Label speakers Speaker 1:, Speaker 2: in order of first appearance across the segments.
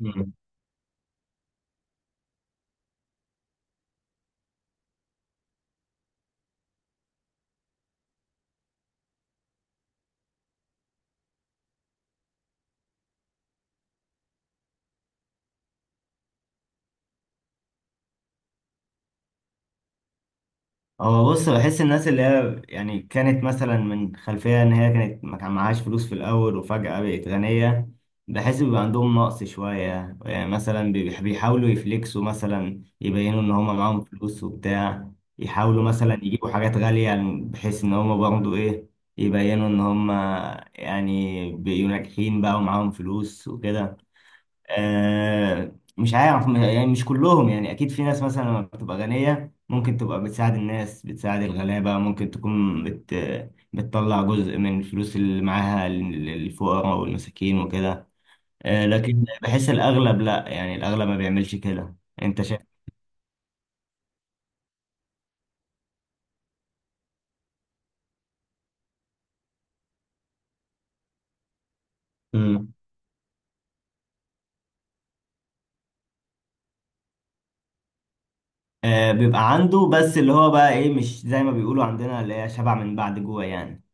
Speaker 1: مم. هو بص، بحس الناس اللي هي يعني كانت مثلا من خلفية إن هي كانت ما كان معهاش فلوس في الأول وفجأة بقت غنية، بحس بيبقى عندهم نقص شوية. يعني مثلا بيحاولوا يفليكسوا، مثلا يبينوا إن هما معاهم فلوس وبتاع، يحاولوا مثلا يجيبوا حاجات غالية، يعني بحيث إن هما برضه إيه، يبينوا إن هما يعني بيبقوا ناجحين بقى ومعاهم فلوس وكده. آه، مش عارف م- يعني مش كلهم، يعني اكيد في ناس مثلا لما بتبقى غنية ممكن تبقى بتساعد الناس، بتساعد الغلابة، ممكن تكون بت بتطلع جزء من الفلوس اللي معاها للفقراء والمساكين وكده. لكن بحس الاغلب لا، يعني الاغلب ما بيعملش كده. انت شايف؟ امم. بيبقى عنده بس اللي هو بقى ايه، مش زي ما بيقولوا عندنا اللي هي شبع من بعد جوع يعني.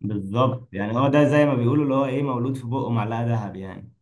Speaker 1: بالظبط، يعني هو ده زي ما بيقولوا اللي هو ايه، مولود في بقه معلقة ذهب يعني.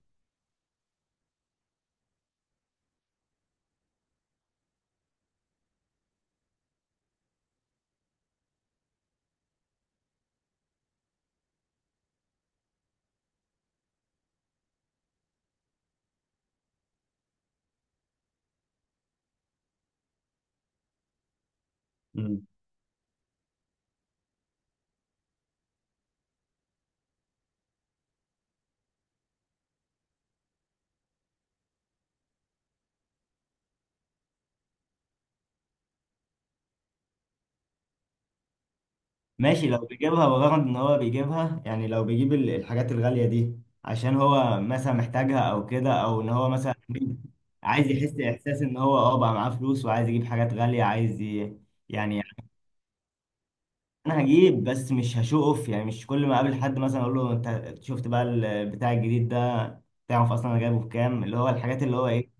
Speaker 1: ماشي، لو بيجيبها بغرض ان هو بيجيبها، يعني لو بيجيب الحاجات الغالية دي عشان هو مثلا محتاجها او كده، او ان هو مثلا عايز يحس احساس ان هو اه بقى معاه فلوس وعايز يجيب حاجات غالية، عايز ي... يعني، انا هجيب بس مش هشو اوف، يعني مش كل ما اقابل حد مثلا اقول له انت شفت بقى البتاع الجديد ده، تعرف اصلا انا جايبه بكام، اللي هو الحاجات اللي هو ايه.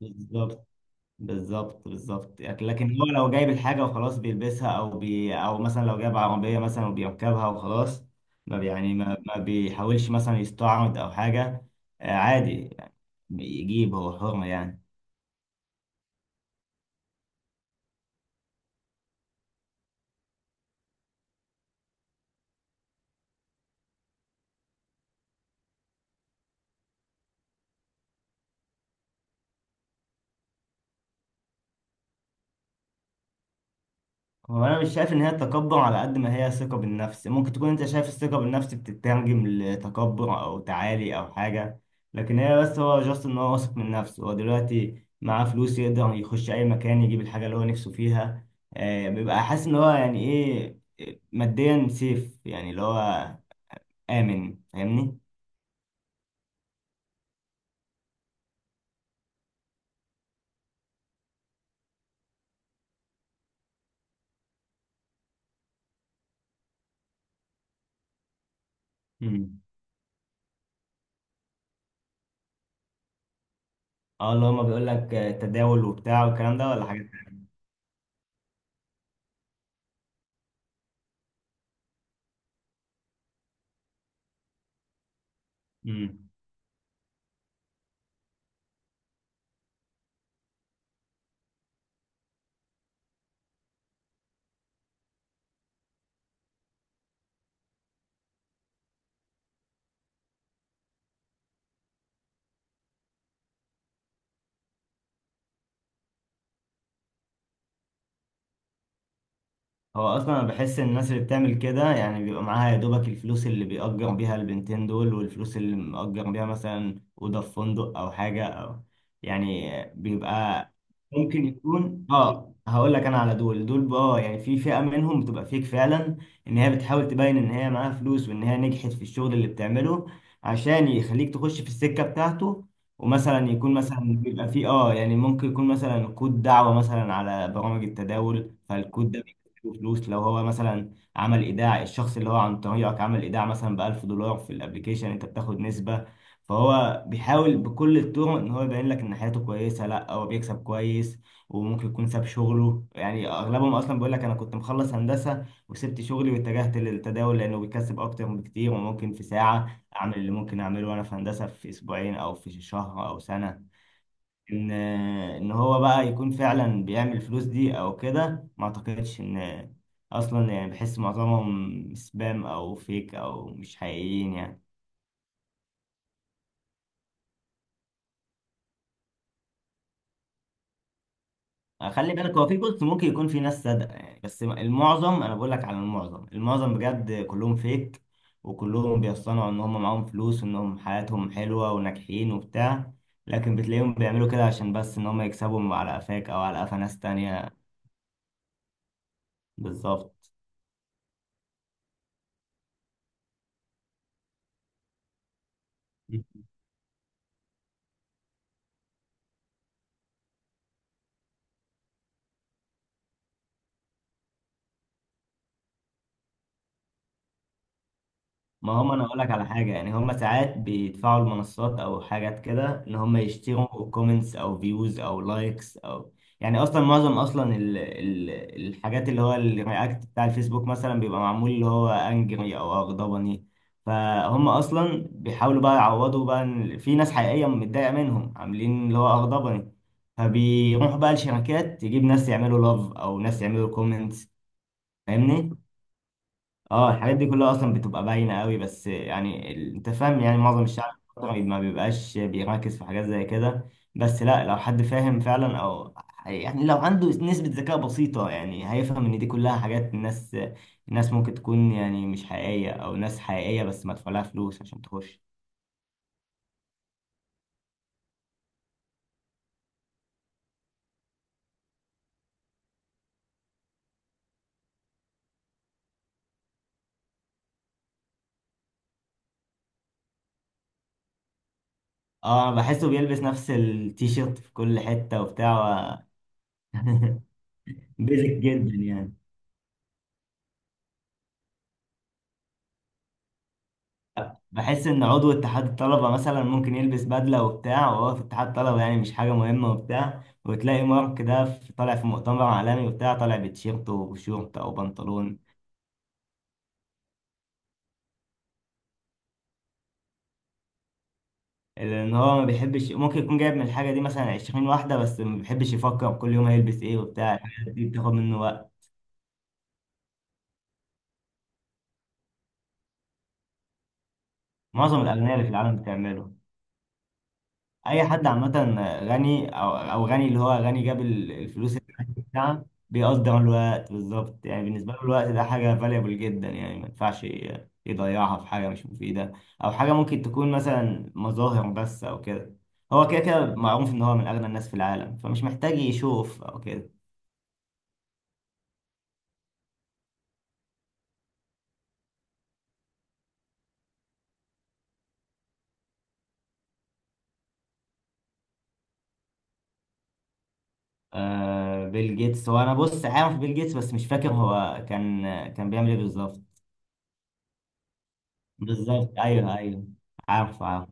Speaker 1: بالظبط بالظبط بالظبط، لكن هو لو جايب الحاجة وخلاص بيلبسها، أو بي أو مثلا لو جايب عربية مثلا وبيركبها وخلاص، ما بي- يعني ما بيحاولش مثلا يستعرض أو حاجة. آه، عادي، يجيب، هو حر يعني. هو انا مش شايف ان هي تكبر، على قد ما هي ثقة بالنفس. ممكن تكون انت شايف الثقة بالنفس بتترجم لتكبر او تعالي او حاجة، لكن هي بس هو جاست ان هو واثق من نفسه، هو دلوقتي معاه فلوس يقدر يخش اي مكان يجيب الحاجة اللي هو نفسه فيها. آه، بيبقى حاسس ان هو يعني ايه، ماديا سيف، يعني اللي هو آمن، فاهمني. مم. اه، اللي هو ما بيقول لك تداول وبتاع والكلام ده ولا حاجة. مم. هو اصلا انا بحس ان الناس اللي بتعمل كده يعني بيبقى معاها يا دوبك الفلوس اللي بيأجر بيها البنتين دول، والفلوس اللي مأجر بيها مثلا اوضه في فندق او حاجه او يعني، بيبقى ممكن يكون اه. هقول لك انا على دول بقى، آه، يعني في فئه منهم بتبقى فيك فعلا، ان هي بتحاول تبين ان هي معاها فلوس وان هي نجحت في الشغل اللي بتعمله عشان يخليك تخش في السكه بتاعته. ومثلا يكون مثلا بيبقى فيه اه يعني، ممكن يكون مثلا كود دعوة مثلا على برامج التداول، فالكود ده له فلوس لو هو مثلا عمل ايداع، الشخص اللي هو عن طريقك عمل ايداع مثلا ب 1000 دولار في الابليكيشن، انت بتاخد نسبة. فهو بيحاول بكل الطرق ان هو يبين لك ان حياته كويسة، لا هو بيكسب كويس، وممكن يكون ساب شغله. يعني اغلبهم اصلا بيقول لك انا كنت مخلص هندسة وسبت شغلي واتجهت للتداول لانه بيكسب اكتر بكتير، وممكن في ساعة اعمل اللي ممكن اعمله وانا في هندسة في اسبوعين او في شهر او سنة. ان هو بقى يكون فعلا بيعمل فلوس دي او كده، ما اعتقدش ان، اصلا يعني بحس معظمهم سبام او فيك او مش حقيقيين يعني. خلي بالك، هو في بص ممكن يكون في ناس صادقه يعني، بس المعظم، انا بقول لك على المعظم، المعظم بجد كلهم فيك. وكلهم بيصطنعوا ان هم معاهم فلوس، وانهم حياتهم حلوه وناجحين وبتاع، لكن بتلاقيهم بيعملوا كده عشان بس ان هم يكسبوا على قفاك او على قفا ناس تانية. بالظبط. ما هم انا اقول لك على حاجه، يعني هم ساعات بيدفعوا المنصات او حاجات كده ان هم يشتروا كومنتس او فيوز او لايكس او، يعني اصلا معظم اصلا الحاجات اللي هو الرياكت بتاع الفيسبوك مثلا، بيبقى معمول اللي هو انجري او اغضبني. فهم اصلا بيحاولوا بقى يعوضوا بقى إن في ناس حقيقيه متضايقه منهم عاملين اللي هو اغضبني، فبيروحوا بقى لشركات تجيب ناس يعملوا لاف او ناس يعملوا كومنتس. فاهمني. اه، الحاجات دي كلها اصلا بتبقى باينه قوي، بس يعني انت فاهم، يعني معظم الشعب ما بيبقاش بيركز في حاجات زي كده. بس لا، لو حد فاهم فعلا، او يعني لو عنده نسبه ذكاء بسيطه، يعني هيفهم ان دي كلها حاجات، الناس، الناس ممكن تكون يعني مش حقيقيه، او ناس حقيقيه بس مدفوع لها فلوس عشان تخش. اه، انا بحسه بيلبس نفس التيشيرت في كل حته وبتاع. و- بيزك جدا يعني. بحس ان عضو اتحاد الطلبه مثلا ممكن يلبس بدله وبتاع وهو في اتحاد طلبه، يعني مش حاجه مهمه وبتاع، وتلاقي مارك ده طالع في مؤتمر عالمي وبتاع، طالع بتيشيرت وشورت او بنطلون. لان هو ما بيحبش، ممكن يكون جايب من الحاجه دي مثلا 20 واحده، بس ما بيحبش يفكر كل يوم هيلبس ايه وبتاع، الحاجات دي بتاخد منه وقت. معظم الاغنياء اللي في العالم بتعمله. اي حد عامه غني، او غني اللي هو غني جاب الفلوس اللي بتاعها، بيقدر الوقت بالظبط. يعني بالنسبه له الوقت ده حاجه فاليبل جدا، يعني ما ينفعش يضيعها في حاجه مش مفيده، او حاجه ممكن تكون مثلا مظاهر بس او كده. هو كده كده معروف ان هو من اغنى الناس في العالم، فمش محتاج يشوف او كده. آه بيل جيتس، هو انا بص عارف بيل جيتس، بس مش فاكر هو كان، كان بيعمل ايه بالظبط. بالظبط، ايوه ايوه، عارف عارف.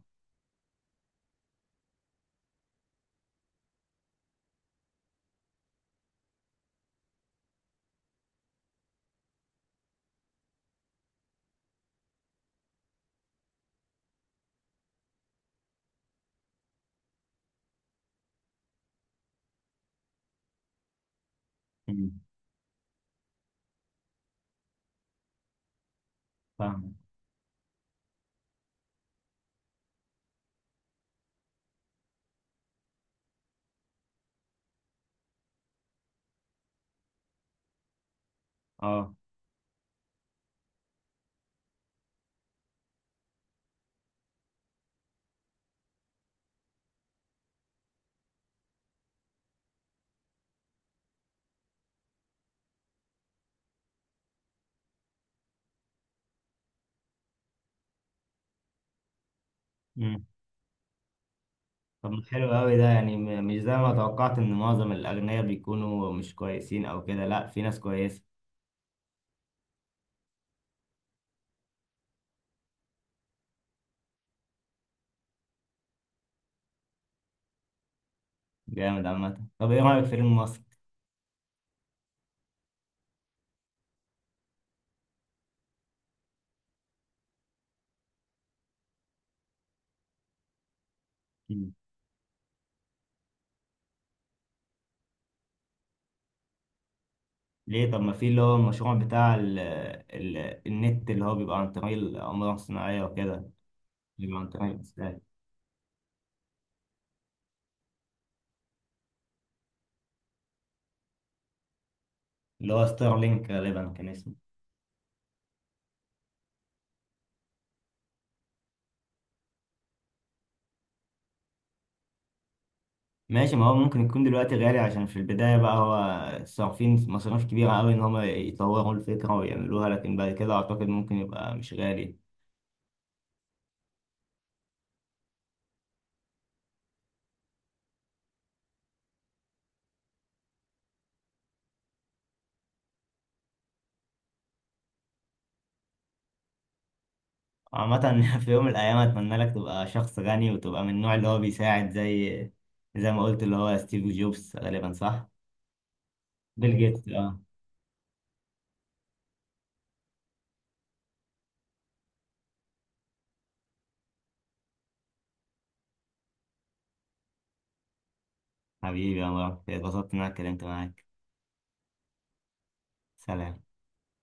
Speaker 1: مم، فاهم. اه، طب ما حلو قوي ده. يعني مش زي ما توقعت ان معظم الاغنياء بيكونوا مش كويسين او كده، لا في ناس كويسه. جامد عامه. طب ايه رايك في فيلم مصر؟ مم. ليه؟ طب ما في اللي هو المشروع بتاع ال، ال، النت اللي هو بيبقى عن طريق الاقمار الصناعيه وكده، بيبقى عن طريق الإسلاك. اللي هو ستارلينك غالبا كان اسمه. ماشي، ما هو ممكن يكون دلوقتي غالي عشان في البدايه بقى هو صارفين مصاريف كبيره قوي ان هم يطوروا الفكره ويعملوها، لكن بعد كده اعتقد ممكن يبقى مش غالي. عامة في يوم من الأيام أتمنى لك تبقى شخص غني وتبقى من النوع اللي هو بيساعد، زي زي ما قلت اللي هو ستيف جوبز، غالبا صح؟ بيل، مظبوط، جيتس، اه. حبيبي يا مروان، اتبسطت إن أنا اتكلمت معاك. سلام.